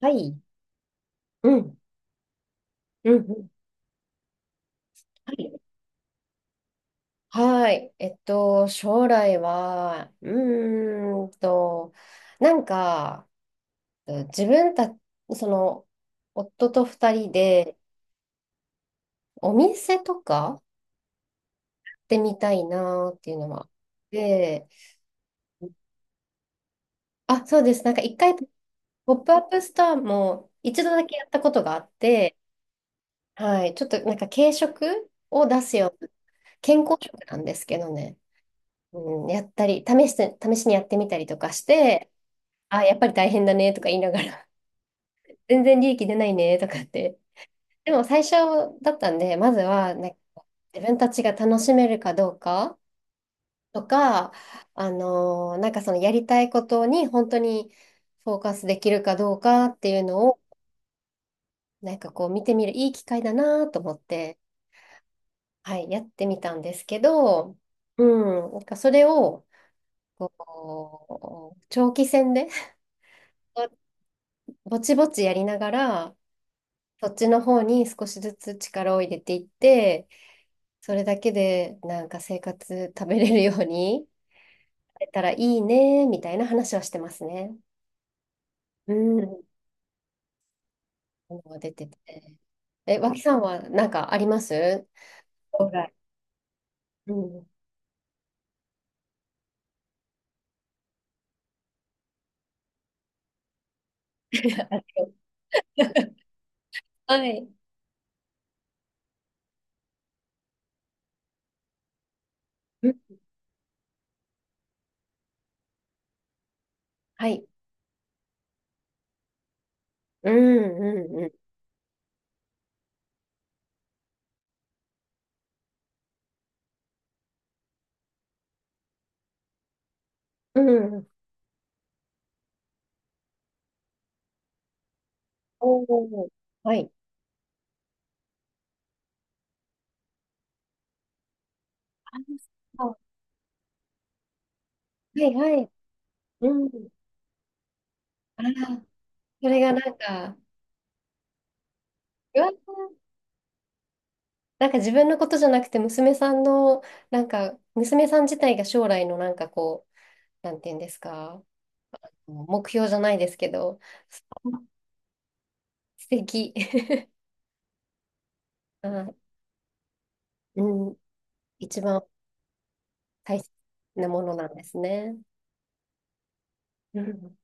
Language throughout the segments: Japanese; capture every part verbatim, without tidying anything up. はい。うん。うんうん。はい。はい。えっと、将来は、うーんと、なんか、自分た、その、夫とふたりで、お店とか行ってみたいなっていうのは。で、あ、そうです。なんか一回、ポップアップストアも一度だけやったことがあって、はい。ちょっとなんか軽食を出すような、健康食なんですけどね。うん、やったり、試して、試しにやってみたりとかして、あ、やっぱり大変だねとか言いながら、全然利益出ないねとかって。でも最初だったんで、まずは、なんか、自分たちが楽しめるかどうかとか、あのーなんかそのやりたいことに本当にフォーカスできるかどうかっていうのを、なんかこう見てみるいい機会だなと思って、はい、やってみたんですけど、うん、なんかそれを、こう、長期戦で ぼちぼちやりながら、そっちの方に少しずつ力を入れていって、それだけでなんか生活食べれるようになれたらいいね、みたいな話はしてますね。うん。出てて。え、脇さんはなんかあります、将来？うん。はい。うん、はい。うんうんうん。うん。おー。はい。あ、そう、はいはい。うん。あら、それがなんか、うわー、なんか自分のことじゃなくて、娘さんの、なんか、娘さん自体が将来のなんかこう、なんていうんですか、目標じゃないですけど、素敵。あ、うん、一番大切なものなんですね。うん、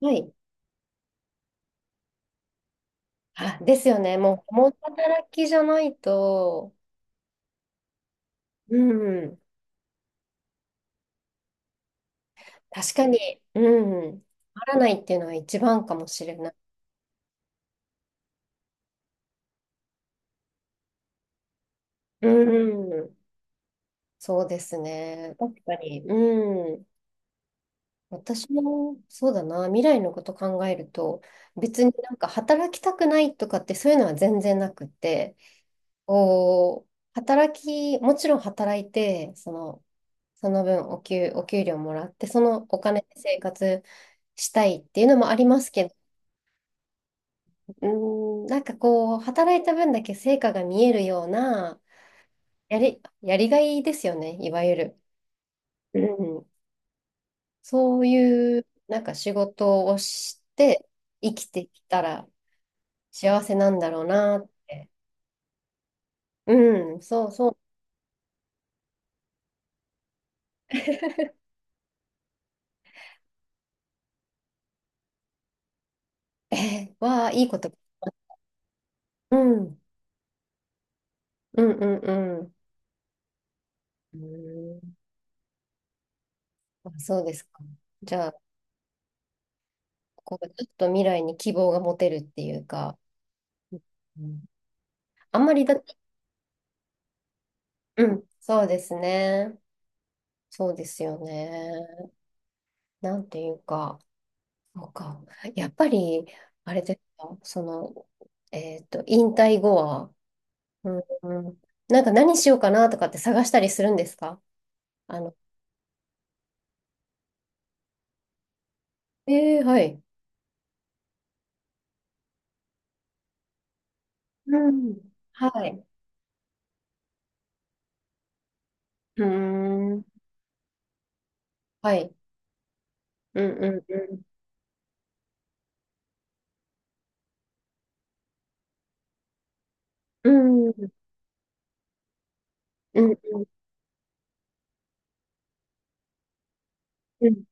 はい。あ、ですよね。もう、共働きじゃないと、うん、確かに、うん、あらないっていうのは一番かもしれない。うん、そうですね。確かに。うん。私もそうだな、未来のこと考えると、別になんか働きたくないとかってそういうのは全然なくって、こう、働き、もちろん働いて、その、その分お給、お給料もらって、そのお金で生活したいっていうのもありますけど、うーん、なんかこう、働いた分だけ成果が見えるような、やり、やりがいですよね、いわゆる。うん、そういう、なんか仕事をして生きてきたら、幸せなんだろうな。うん、そうそう。えー、わあ、いいこと。うん、うん、うん、うん。うん、あ、そうですか。じゃあ、こう、ちょっと未来に希望が持てるっていうか、うん、あんまりだって、うん、そうですね。そうですよね。なんていうか、そうか。やっぱり、あれですか、その、えっと、引退後は、うん、うん、なんか何しようかなとかって探したりするんですか？あの、えー、はい。うん。はい。うーん。はい。うんうんうん。うん。うんうんうん。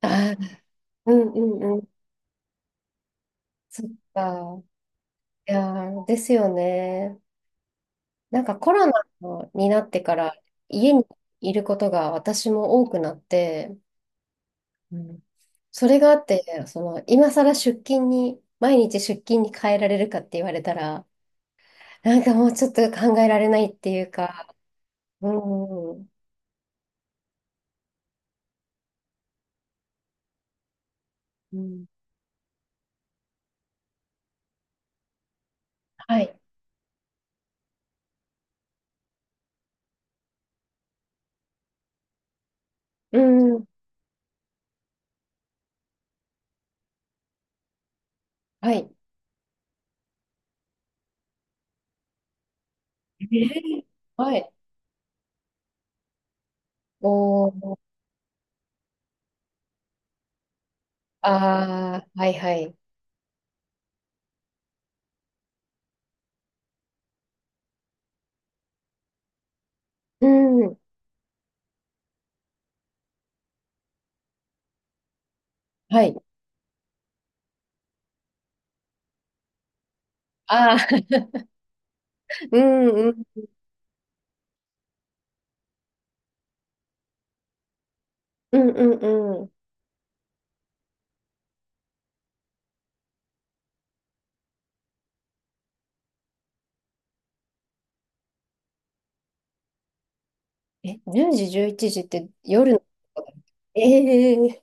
あー、うんうんうん。そっか。いやー、ですよね。なんかコロナになってから家にいることが私も多くなって、うん、それがあって、その今更出勤に、毎日出勤に変えられるかって言われたら、なんかもうちょっと考えられないっていうか、うん。うん、はい。うん。はい。えーはい。おー、あー、はいはい。うん、はい。あー、うんうん、うんうんうん。え、じゅうじ、じゅういちじって夜のことだっけ？ええー、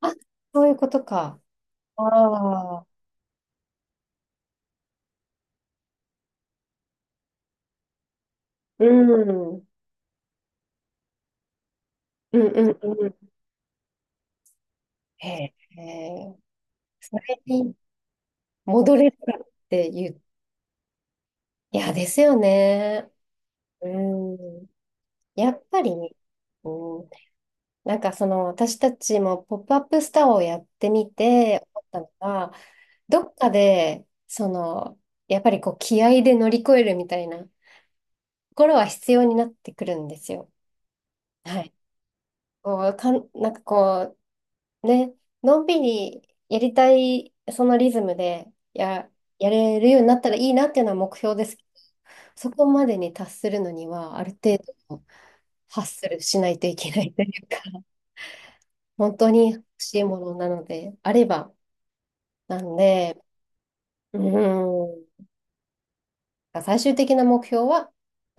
あ、そういうことか。ああ、うん、うんうんうん。へえ、へえ、それに戻れるかっていう。いや、ですよね。うん。やっぱりね、うん、なんかその私たちもポップアップスターをやってみて思ったのが、どっかでそのやっぱりこう気合で乗り越えるみたいなところは必要になってくるんですよ。はい。こうかん、なんかこうね、のんびりやりたいそのリズムでや、やれるようになったらいいなっていうのは目標ですけど、そこまでに達するのにはある程度ハッスルしないといけないというか、本当に欲しいものなのであれば。なんで、うん、最終的な目標は、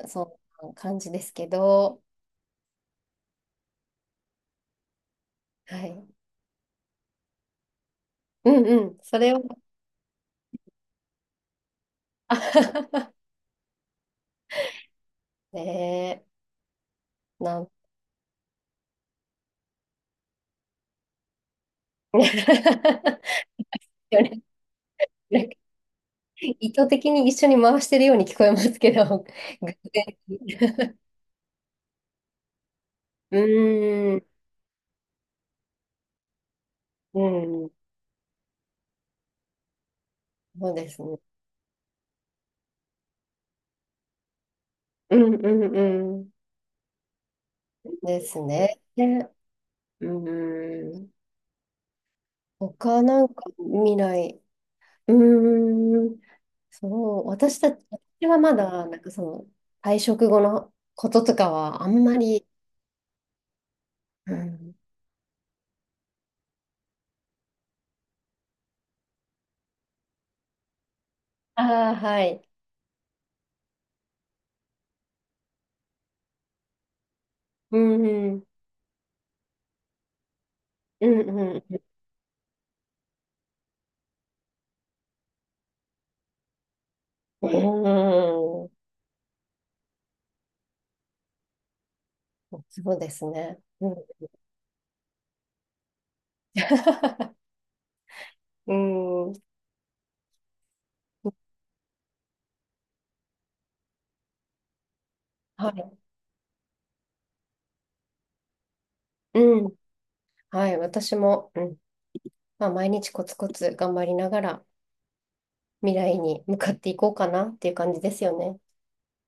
そんな感じですけど、はい。うんうん、それを、あ ねえ、なん 意図的に一緒に回してるように聞こえますけど、偶然に、うーん、うん、そうですね。うんうんうん。ですね。ね、うーん。他なんか未来。うーん。そう、私たち、私はまだ、なんかその、退職後のこととかは、あんまり、うん、ああ、はい。うん、うん、うん、うん、うん、そうですね。うん、うん、はい、うん、はい、私も、うん、まあ、毎日コツコツ頑張りながら、未来に向かっていこうかなっていう感じですよね。